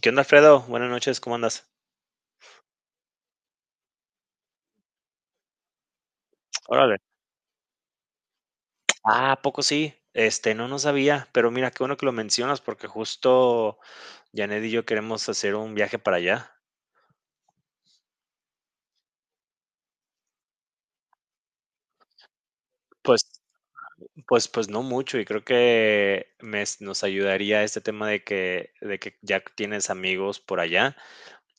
¿Qué onda, Alfredo? Buenas noches, ¿cómo andas? Órale. Ah, ¿a poco sí? No, no sabía, pero mira, qué bueno que lo mencionas porque justo Janet y yo queremos hacer un viaje para allá. Pues, pues, pues no mucho y creo que nos ayudaría este tema de que ya tienes amigos por allá.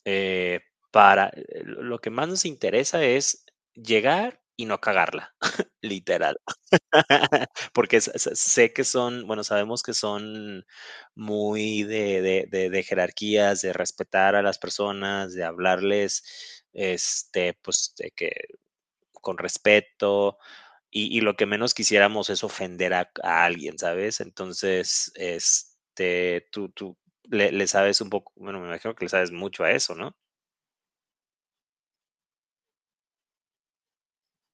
eh, para, lo que más nos interesa es llegar y no cagarla, literal. Porque sé que son, bueno, sabemos que son muy de, de jerarquías, de respetar a las personas, de hablarles, este, pues, de que con respeto. Y lo que menos quisiéramos es ofender a alguien, ¿sabes? Entonces, este, tú le sabes un poco, bueno, me imagino que le sabes mucho a eso, ¿no?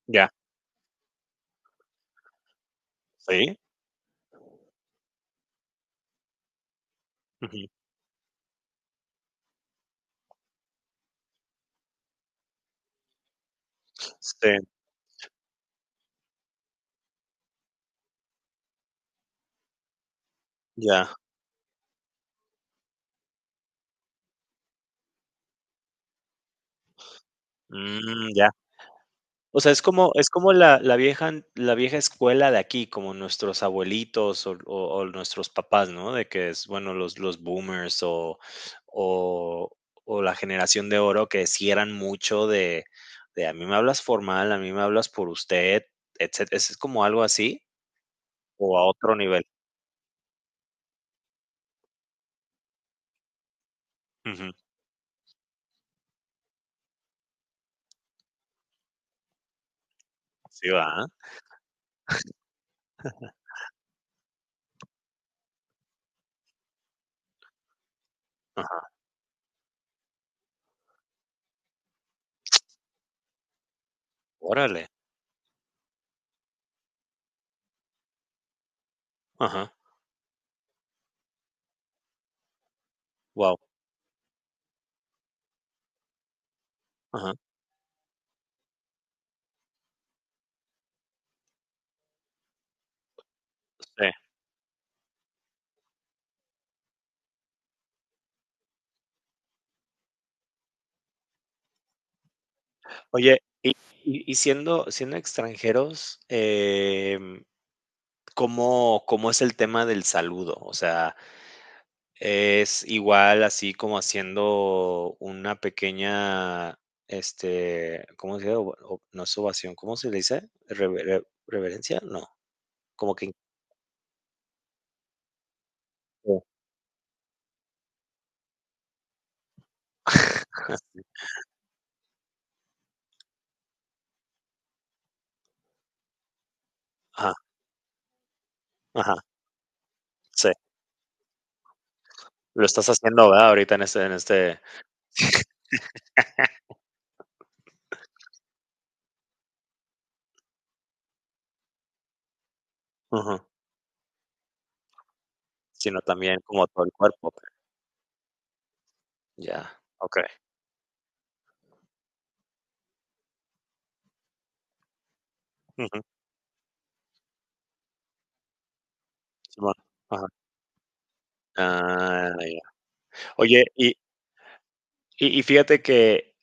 Ya, sí. Ujú. Sí, ya. Mm, ya. O sea, es como la la vieja escuela de aquí, como nuestros abuelitos o nuestros papás, ¿no? De que es, bueno, los boomers o o o la generación de oro, que sí eran mucho de: "A mí me hablas formal, a mí me hablas por usted", etcétera. ¿Es como algo así o a otro nivel? Ujú. Sí, ¿verdad? Ajá. Órale. Ajá. Guau. Ajá. Sí. Oye, y siendo extranjeros, cómo, ¿cómo es el tema del saludo? O sea, ¿es igual así como haciendo una pequeña, este, cómo se dice? No es ovación, ¿cómo se le dice? ¿Reverencia? No, como que... Ajá, ajá, sí. Lo estás haciendo, ¿verdad? Ahorita en en este, ujú, sino también como todo el cuerpo. Ya, ok. Ujú, simón, ajá. Ah, ya. Oye, y fíjate que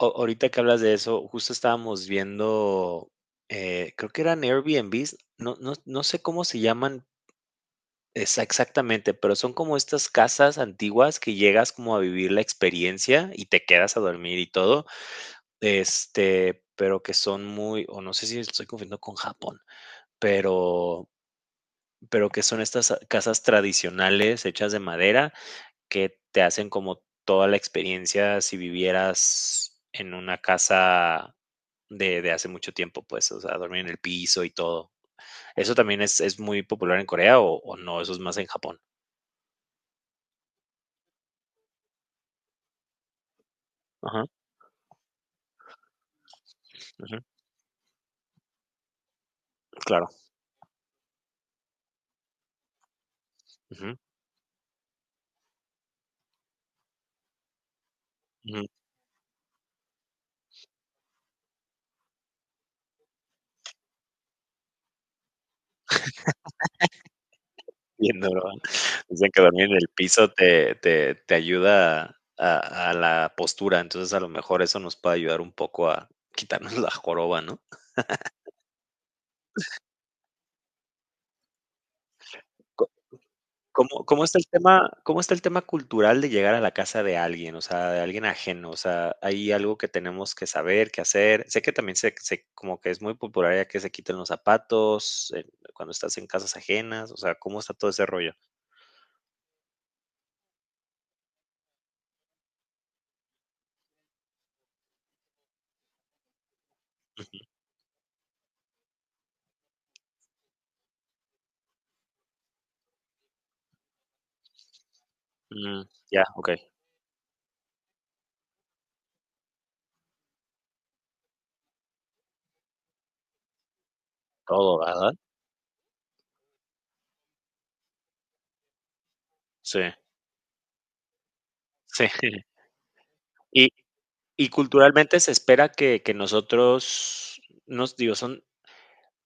Ahorita que hablas de eso, justo estábamos viendo, creo que eran Airbnbs, no, no, no sé cómo se llaman exactamente, pero son como estas casas antiguas, que llegas como a vivir la experiencia y te quedas a dormir y todo, este, pero que son muy, o no sé si estoy confundiendo con Japón, pero, pero que son estas casas tradicionales hechas de madera, que te hacen como toda la experiencia si vivieras en una casa de hace mucho tiempo, pues, o sea, dormir en el piso y todo. ¿Eso también es muy popular en Corea o no? ¿Eso es más en Japón? Ajá, ujú, claro. Ujú, ujú. Bien duro. Dicen que dormir en el piso te, te, te ayuda a la postura, entonces a lo mejor eso nos puede ayudar un poco a quitarnos la joroba, ¿no? ¿Cómo está el tema, cultural, de llegar a la casa de alguien? O sea, de alguien ajeno, o sea, ¿hay algo que tenemos que saber, que hacer? Sé que también se se como que es muy popular ya, que se quiten los zapatos, cuando estás en casas ajenas, o sea, ¿cómo está todo ese rollo? Mm, ya, okey, todo, ¿verdad? Sí, sí. Y culturalmente se espera que nosotros nos digo, son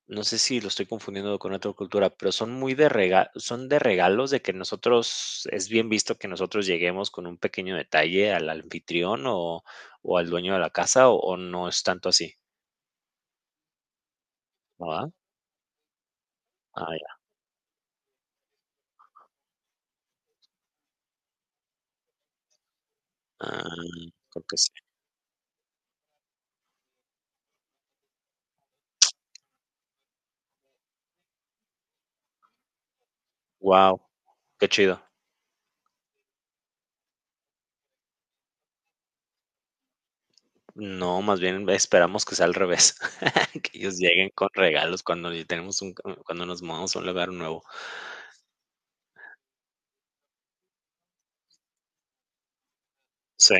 no sé si lo estoy confundiendo con otra cultura, pero son muy de rega son de regalos, de que nosotros, es bien visto que nosotros lleguemos con un pequeño detalle al anfitrión o al dueño de la casa, o no es tanto así? ¿No, verdad? Ah, ya. Ah, creo que sí. Guau, qué chido. No, más bien esperamos que sea al revés, que ellos lleguen con regalos cuando ya tenemos un cuando nos mudamos a un lugar nuevo. Sí.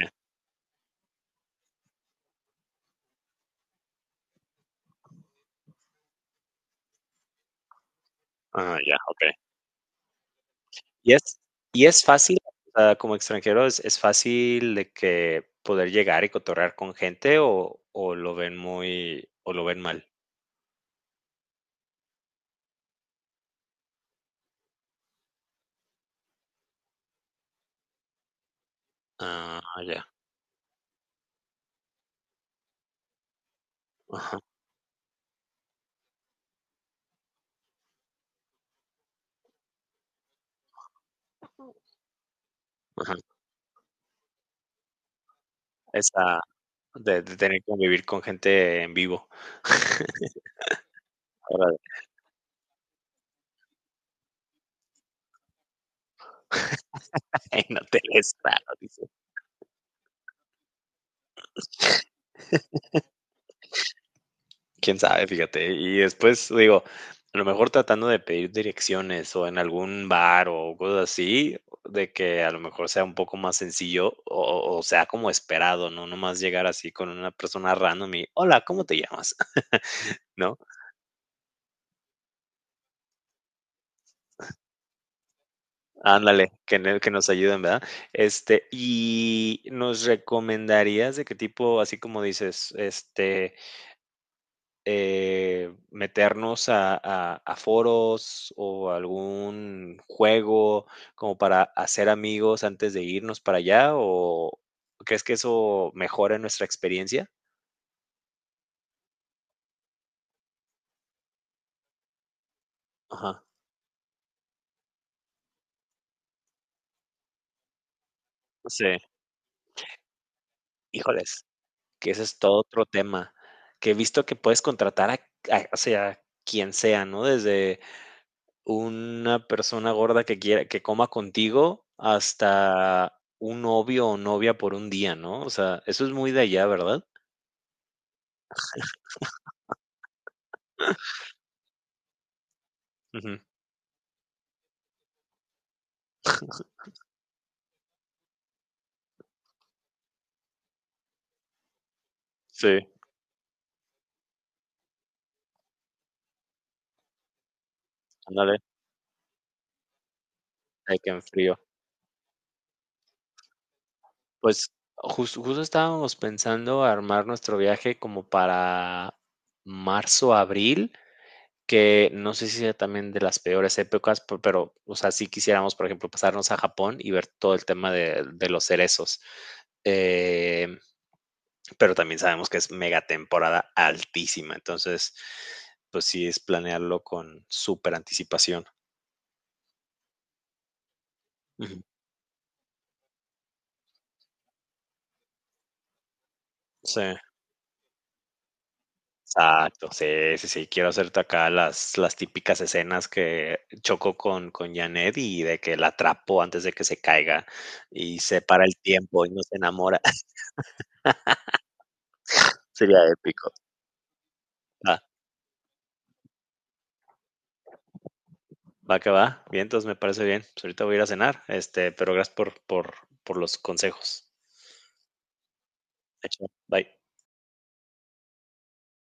Ah, ya, okey. Y es fácil, o sea, como extranjero, ¿es es fácil de que poder llegar y cotorrear con gente o lo ven muy o lo ven mal? Ah, ya. Ajá. Ajá. Esa de tener que convivir con gente en vivo. Órale, en hoteles raros, dice. Quién sabe, fíjate. Y después, digo, a lo mejor tratando de pedir direcciones o en algún bar o cosas así, de que a lo mejor sea un poco más sencillo o sea como esperado, ¿no? No más llegar así con una persona random y, hola, ¿cómo te llamas? ¿No? Ándale, que, que nos ayuden, ¿verdad? Este, y ¿nos recomendarías de qué tipo, así como dices, este, meternos a, a foros o algún juego, como para hacer amigos antes de irnos para allá? ¿O crees que eso mejora nuestra experiencia? Ajá. Sí. Híjoles, que ese es todo otro tema. Que he visto que puedes contratar a, o sea, quien sea, ¿no? Desde una persona gorda que quiera, que coma contigo, hasta un novio o novia por un día, ¿no? O sea, eso es muy de allá, ¿verdad? Sí, ándale, hay que en frío. Pues, justo estábamos pensando armar nuestro viaje como para marzo, abril, que no sé si sea también de las peores épocas, pe pero, o sea, sí quisiéramos, por ejemplo, pasarnos a Japón y ver todo el tema de los cerezos, em, pero también sabemos que es mega temporada altísima, entonces, pues sí, es planearlo con superanticipación. Ujú. Sí. Exacto, sí, sí, sí, quiero hacerte acá las típicas escenas, que choco con Janet y de que la atrapo antes de que se caiga y se para el tiempo y no se enamora. Sería épico. Va, va que va. Bien, entonces me parece bien. Pues ahorita voy a ir a cenar, este, pero gracias por los consejos. Hecho, bye.